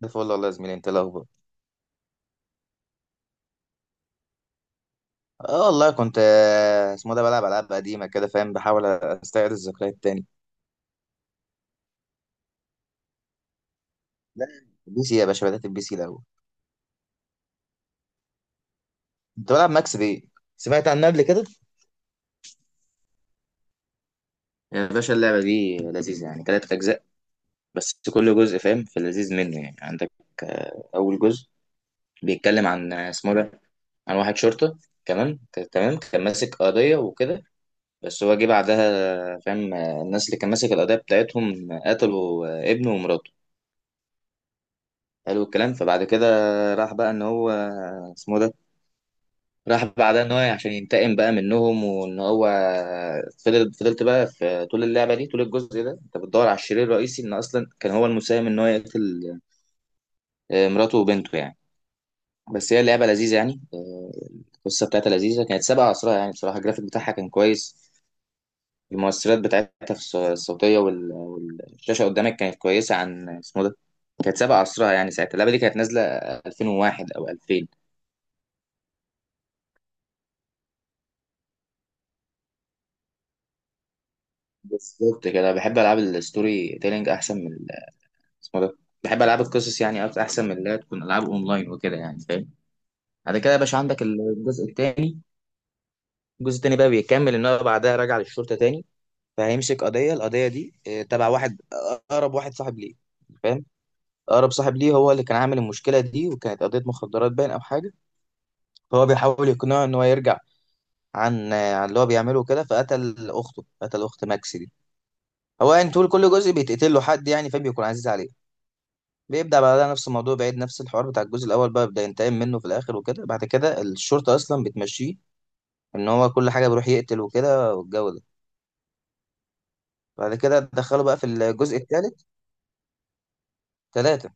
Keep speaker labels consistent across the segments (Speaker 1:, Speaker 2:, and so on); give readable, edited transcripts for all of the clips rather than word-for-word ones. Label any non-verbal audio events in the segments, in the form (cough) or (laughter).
Speaker 1: ده فل والله يا زميلي، انت إيه الاخبار؟ اه والله كنت اسمه ده بلعب العاب قديمه كده، فاهم، بحاول استعيد الذكريات تاني. لا، بي سي يا باشا، بدات البي سي الاول. كنت بلعب ماكس بي. سمعت عنها قبل كده؟ يا باشا اللعبه دي لذيذه يعني، ثلاث اجزاء. بس كل جزء فاهم في اللذيذ منه يعني. عندك اول جزء بيتكلم عن اسمه ده عن واحد شرطه، كمان، تمام كان ماسك قضيه وكده. بس هو جه بعدها، فاهم، الناس اللي كان ماسك القضيه بتاعتهم قتلوا ابنه ومراته. حلو الكلام، فبعد كده راح بقى ان هو، اسمه ده راح بعدها ان هو عشان ينتقم بقى منهم، وان هو فضلت بقى في طول اللعبه دي، طول الجزء ده انت بتدور على الشرير الرئيسي، ان اصلا كان هو المساهم ان هو يقتل مراته وبنته يعني. بس هي اللعبه لذيذه يعني، القصه بتاعتها لذيذه، كانت سابقه عصرها يعني. بصراحه الجرافيك بتاعها كان كويس، المؤثرات بتاعتها في الصوتيه والشاشه قدامك كانت كويسه، عن اسمه ده كانت سابقه عصرها يعني. ساعتها اللعبه دي كانت نازله 2001 او 2000 بالظبط كده. انا بحب العاب الستوري تيلينج احسن من اسمه ده بحب العاب القصص يعني، احسن من اللي هي تكون العاب اونلاين وكده يعني، فاهم. بعد كده يا باشا عندك الجزء الثاني. الجزء الثاني بقى بيكمل ان هو بعدها راجع للشرطه تاني، فهيمسك القضيه دي، تبع واحد، اقرب واحد صاحب ليه، فاهم. اقرب صاحب ليه هو اللي كان عامل المشكله دي، وكانت قضيه مخدرات باين او حاجه. فهو بيحاول يقنعه ان هو يرجع عن اللي هو بيعمله كده، فقتل اخته، قتل اخت ماكس دي. هو يعني طول كل جزء بيتقتل له حد يعني، فبيكون عزيز عليه. بيبدأ بعدها نفس الموضوع، بعيد نفس الحوار بتاع الجزء الأول، بقى بيبدأ ينتقم منه في الآخر وكده. بعد كده الشرطة أصلا بتمشيه، إن هو كل حاجة بيروح يقتل وكده والجو ده. بعد كده دخلوا بقى في الجزء الثالث. ثلاثة.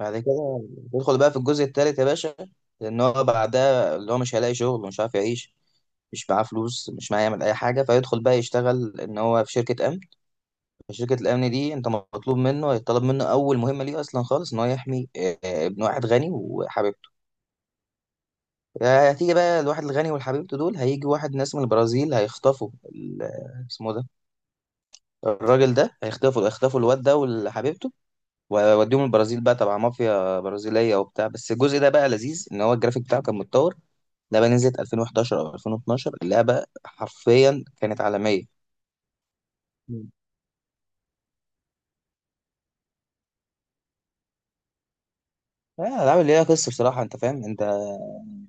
Speaker 1: بعد كده يدخل بقى في الجزء الثالث يا باشا، لأن هو بعدها اللي هو مش هيلاقي شغل، ومش عارف يعيش، مش معاه فلوس، مش معاه يعمل أي حاجة. فيدخل بقى يشتغل إن هو في شركة أمن. شركة الأمن دي، أنت مطلوب منه، يطلب منه أول مهمة ليه أصلا خالص إن هو يحمي ابن واحد غني وحبيبته. هتيجي بقى، الواحد الغني وحبيبته دول هيجي واحد، ناس من البرازيل هيخطفوا اسمه ده الراجل ده، هيخطفوا الواد ده وحبيبته ويوديهم البرازيل بقى، تبع مافيا برازيلية وبتاع. بس الجزء ده بقى لذيذ، ان هو الجرافيك بتاعه كان متطور. ده بقى نزلت 2011 او 2012. اللعبة حرفيا كانت عالمية. مم. لا، الالعاب اللي ليها قصه بصراحه، انت فاهم، انت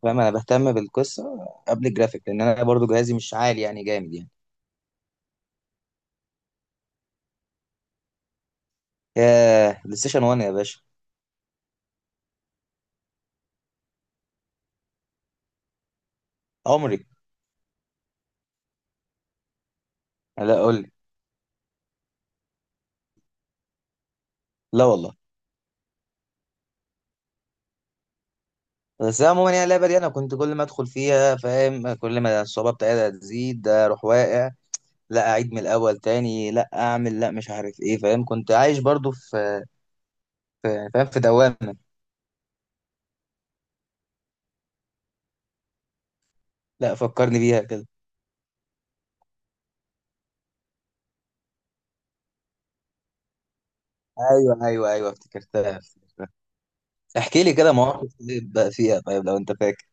Speaker 1: فاهم انا بهتم بالقصه قبل الجرافيك، لان انا برضو جهازي مش عالي يعني جامد يعني. يا بلاي ستيشن 1 يا باشا. عمري. لا، قول لي. لا والله. بس عموما يعني اللعبه دي انا كنت كل ما ادخل فيها، فاهم، كل ما الصعوبه بتاعتها تزيد اروح واقع، لا اعيد من الاول تاني، لا اعمل، لا، مش عارف ايه، فاهم، كنت عايش برضو في يعني فاهم في دوامه. لا، فكرني بيها كده. ايوه، ايوه، ايوه، افتكرتها، افتكرتها. احكي لي كده مواقف إيه بقى فيها طيب لو انت فاكر.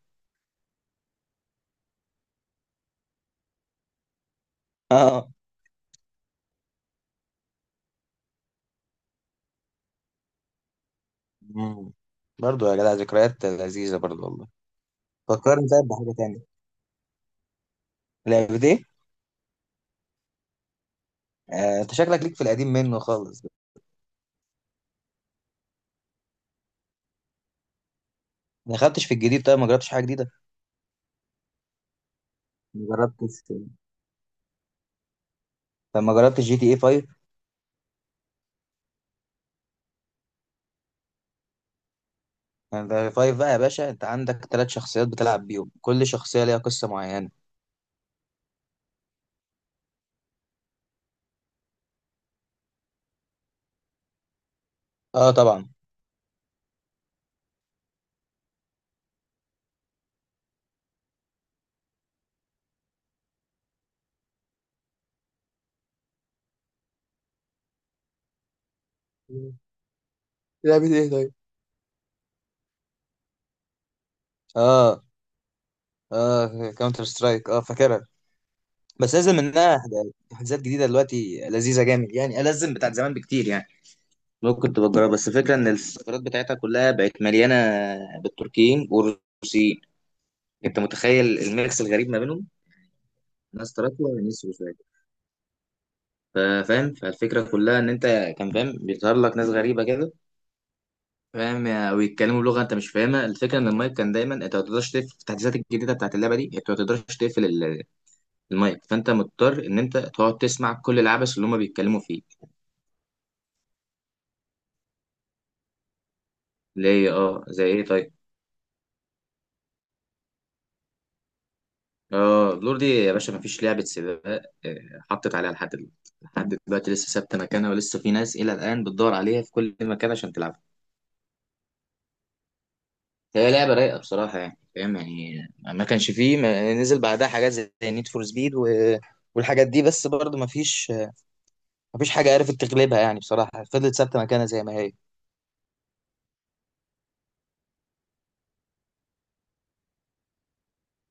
Speaker 1: (laughs) اه. مم. برضو يا جدع، ذكريات لذيذه برضو والله. فكرني طيب بحاجه تانية. لعبه ايه؟ انت شكلك ليك في القديم منه خالص. ما دخلتش في الجديد؟ طيب ما جربتش حاجه جديده؟ ما جربتش. طب ما جربتش جي تي اي 5؟ يعني ده 5 بقى يا باشا، انت عندك ثلاث شخصيات بتلعب بيهم، كل شخصية ليها قصة معينة. اه طبعا. مم. لعبة ايه طيب؟ اه. اه، كاونتر سترايك، اه فاكرها. بس لازم منها حاجات جديدة دلوقتي لذيذة جامد يعني، ألزم بتاعت زمان بكتير يعني. ممكن تبقى تجربها، بس الفكرة ان السيرفرات بتاعتها كلها بقت مليانة بالتركيين والروسيين، انت متخيل الميكس الغريب ما بينهم؟ ناس تراكوة وناس روسية. ف- فاهم، فالفكرة كلها ان انت كان فاهم بيظهر لك ناس غريبة كده، فاهم، ويتكلموا لغه انت مش فاهمها. الفكره ان المايك كان دايما، انت ما تقدرش تقفل. في التحديثات الجديده بتاعت اللعبه دي انت ما تقدرش تقفل المايك، فانت مضطر ان انت تقعد تسمع كل العبث اللي هم بيتكلموا فيه. ليه؟ اه زي ايه طيب؟ اه، لور دي يا باشا ما فيش لعبه سباق حطت عليها لحد دلوقتي. لحد دلوقتي لسه ثابته مكانها، ولسه في ناس الى الان بتدور عليها في كل مكان عشان تلعبها. هي لعبه رايقه بصراحه يعني، فاهم يعني، ما كانش فيه ما نزل بعدها حاجات زي نيد فور سبيد و والحاجات دي، بس برضه ما فيش مفيش حاجة عرفت تغلبها يعني، بصراحة فضلت ثابتة مكانها زي ما هي.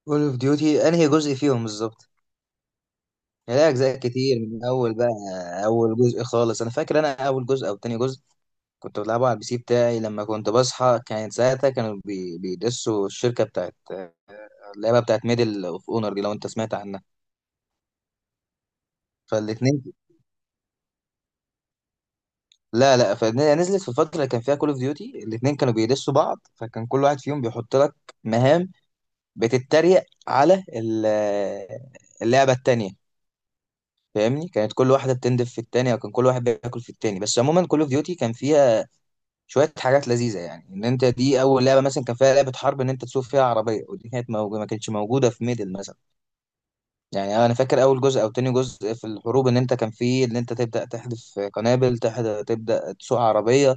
Speaker 1: كول اوف ديوتي انهي جزء فيهم بالظبط؟ يعني لها اجزاء كتير، من اول بقى اول جزء خالص، انا فاكر انا اول جزء او تاني جزء كنت بلعبه على البي سي بتاعي لما كنت بصحى. كانت ساعتها كانوا بيدسوا الشركة بتاعت اللعبة بتاعت ميدل اوف اونر دي، لو انت سمعت عنها. فالاتنين. لا، لا، فنزلت في الفترة اللي كان فيها كول اوف ديوتي، الاتنين كانوا بيدسوا بعض، فكان كل واحد فيهم بيحط لك مهام بتتريق على اللعبة التانية. فاهمني، كانت كل واحده بتندف في التانية، وكان كل واحد بياكل في التاني. بس عموما كول اوف ديوتي كان فيها شويه حاجات لذيذه يعني، ان انت دي اول لعبه مثلا كان فيها لعبه حرب ان انت تسوق فيها عربيه، ودي كانت موجوده، ما كانتش موجوده في ميدل مثلا. يعني انا فاكر اول جزء او تاني جزء في الحروب، ان انت كان فيه ان انت تبدا تحذف قنابل، تبدا تسوق عربيه.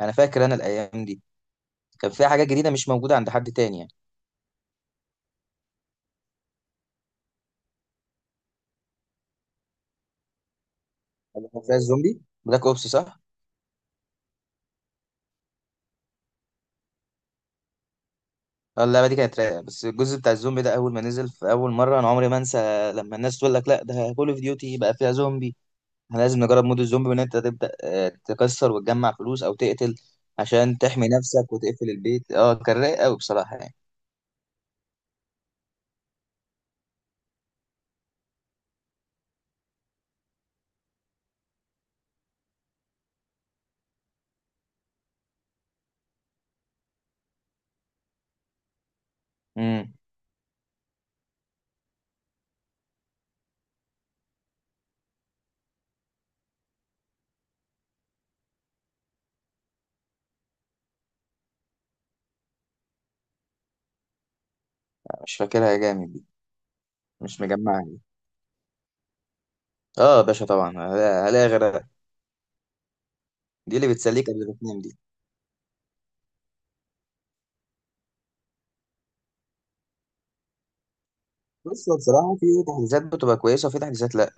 Speaker 1: انا فاكر انا الايام دي كان فيها حاجات جديده مش موجوده عند حد تاني يعني. كان فيها الزومبي بلاك اوبس، صح؟ اه، اللعبه دي كانت رايقه. بس الجزء بتاع الزومبي ده، اول ما نزل في اول مره انا عمري ما انسى، لما الناس تقول لك لا، ده كول اوف ديوتي بقى فيها زومبي. احنا لازم نجرب مود الزومبي، وان انت تبدا تكسر وتجمع فلوس او تقتل عشان تحمي نفسك وتقفل البيت. اه كان رايق قوي بصراحه يعني. امم. مش فاكرها جامد دي، مش مجمعها دي. اه يا باشا طبعا، هلاقي غيرها. دي اللي بتسليك قبل ما تنام دي. بص، هو بصراحه في تحديثات بتبقى كويسه وفي تحديثات لا.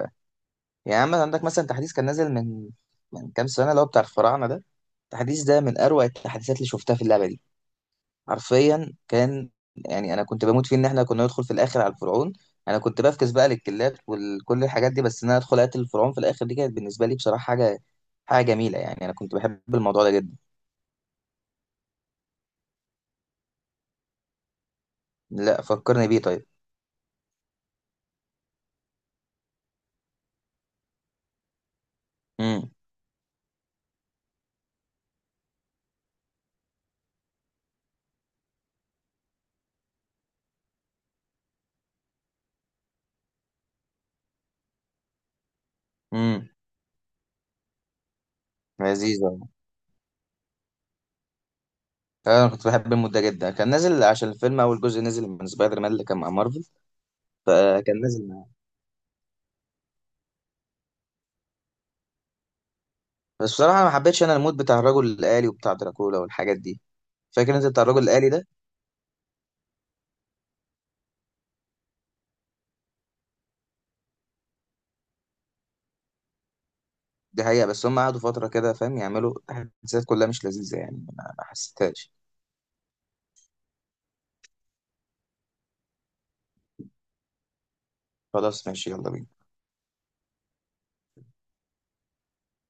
Speaker 1: يعني عندك مثلا تحديث كان نازل من كام سنة اللي هو بتاع الفراعنة ده. التحديث ده من أروع التحديثات اللي شفتها في اللعبة دي، حرفيا كان. يعني أنا كنت بموت فيه، إن إحنا كنا ندخل في الآخر على الفرعون. أنا كنت بفكس بقى للكلاب وكل الحاجات دي، بس إن أنا أدخل أقتل الفرعون في الآخر، دي كانت بالنسبة لي بصراحة حاجة جميلة يعني، أنا كنت بحب الموضوع ده جدا. لا، فكرني بيه طيب. امم. امم. لذيذ أوي. أنا كنت بحب المود ده جدا، كان نازل عشان الفيلم أول جزء نزل من سبايدر مان اللي كان مع مارفل، فكان نازل. بس بصراحة ما حبيتش أنا المود بتاع الرجل الآلي وبتاع دراكولا والحاجات دي. فاكر أنت بتاع الرجل الآلي ده؟ دي حقيقة، بس هم قعدوا فترة كده فاهم يعملوا تحديثات كلها مش لذيذة يعني، ما حسيتهاش. خلاص ماشي، يلا بينا.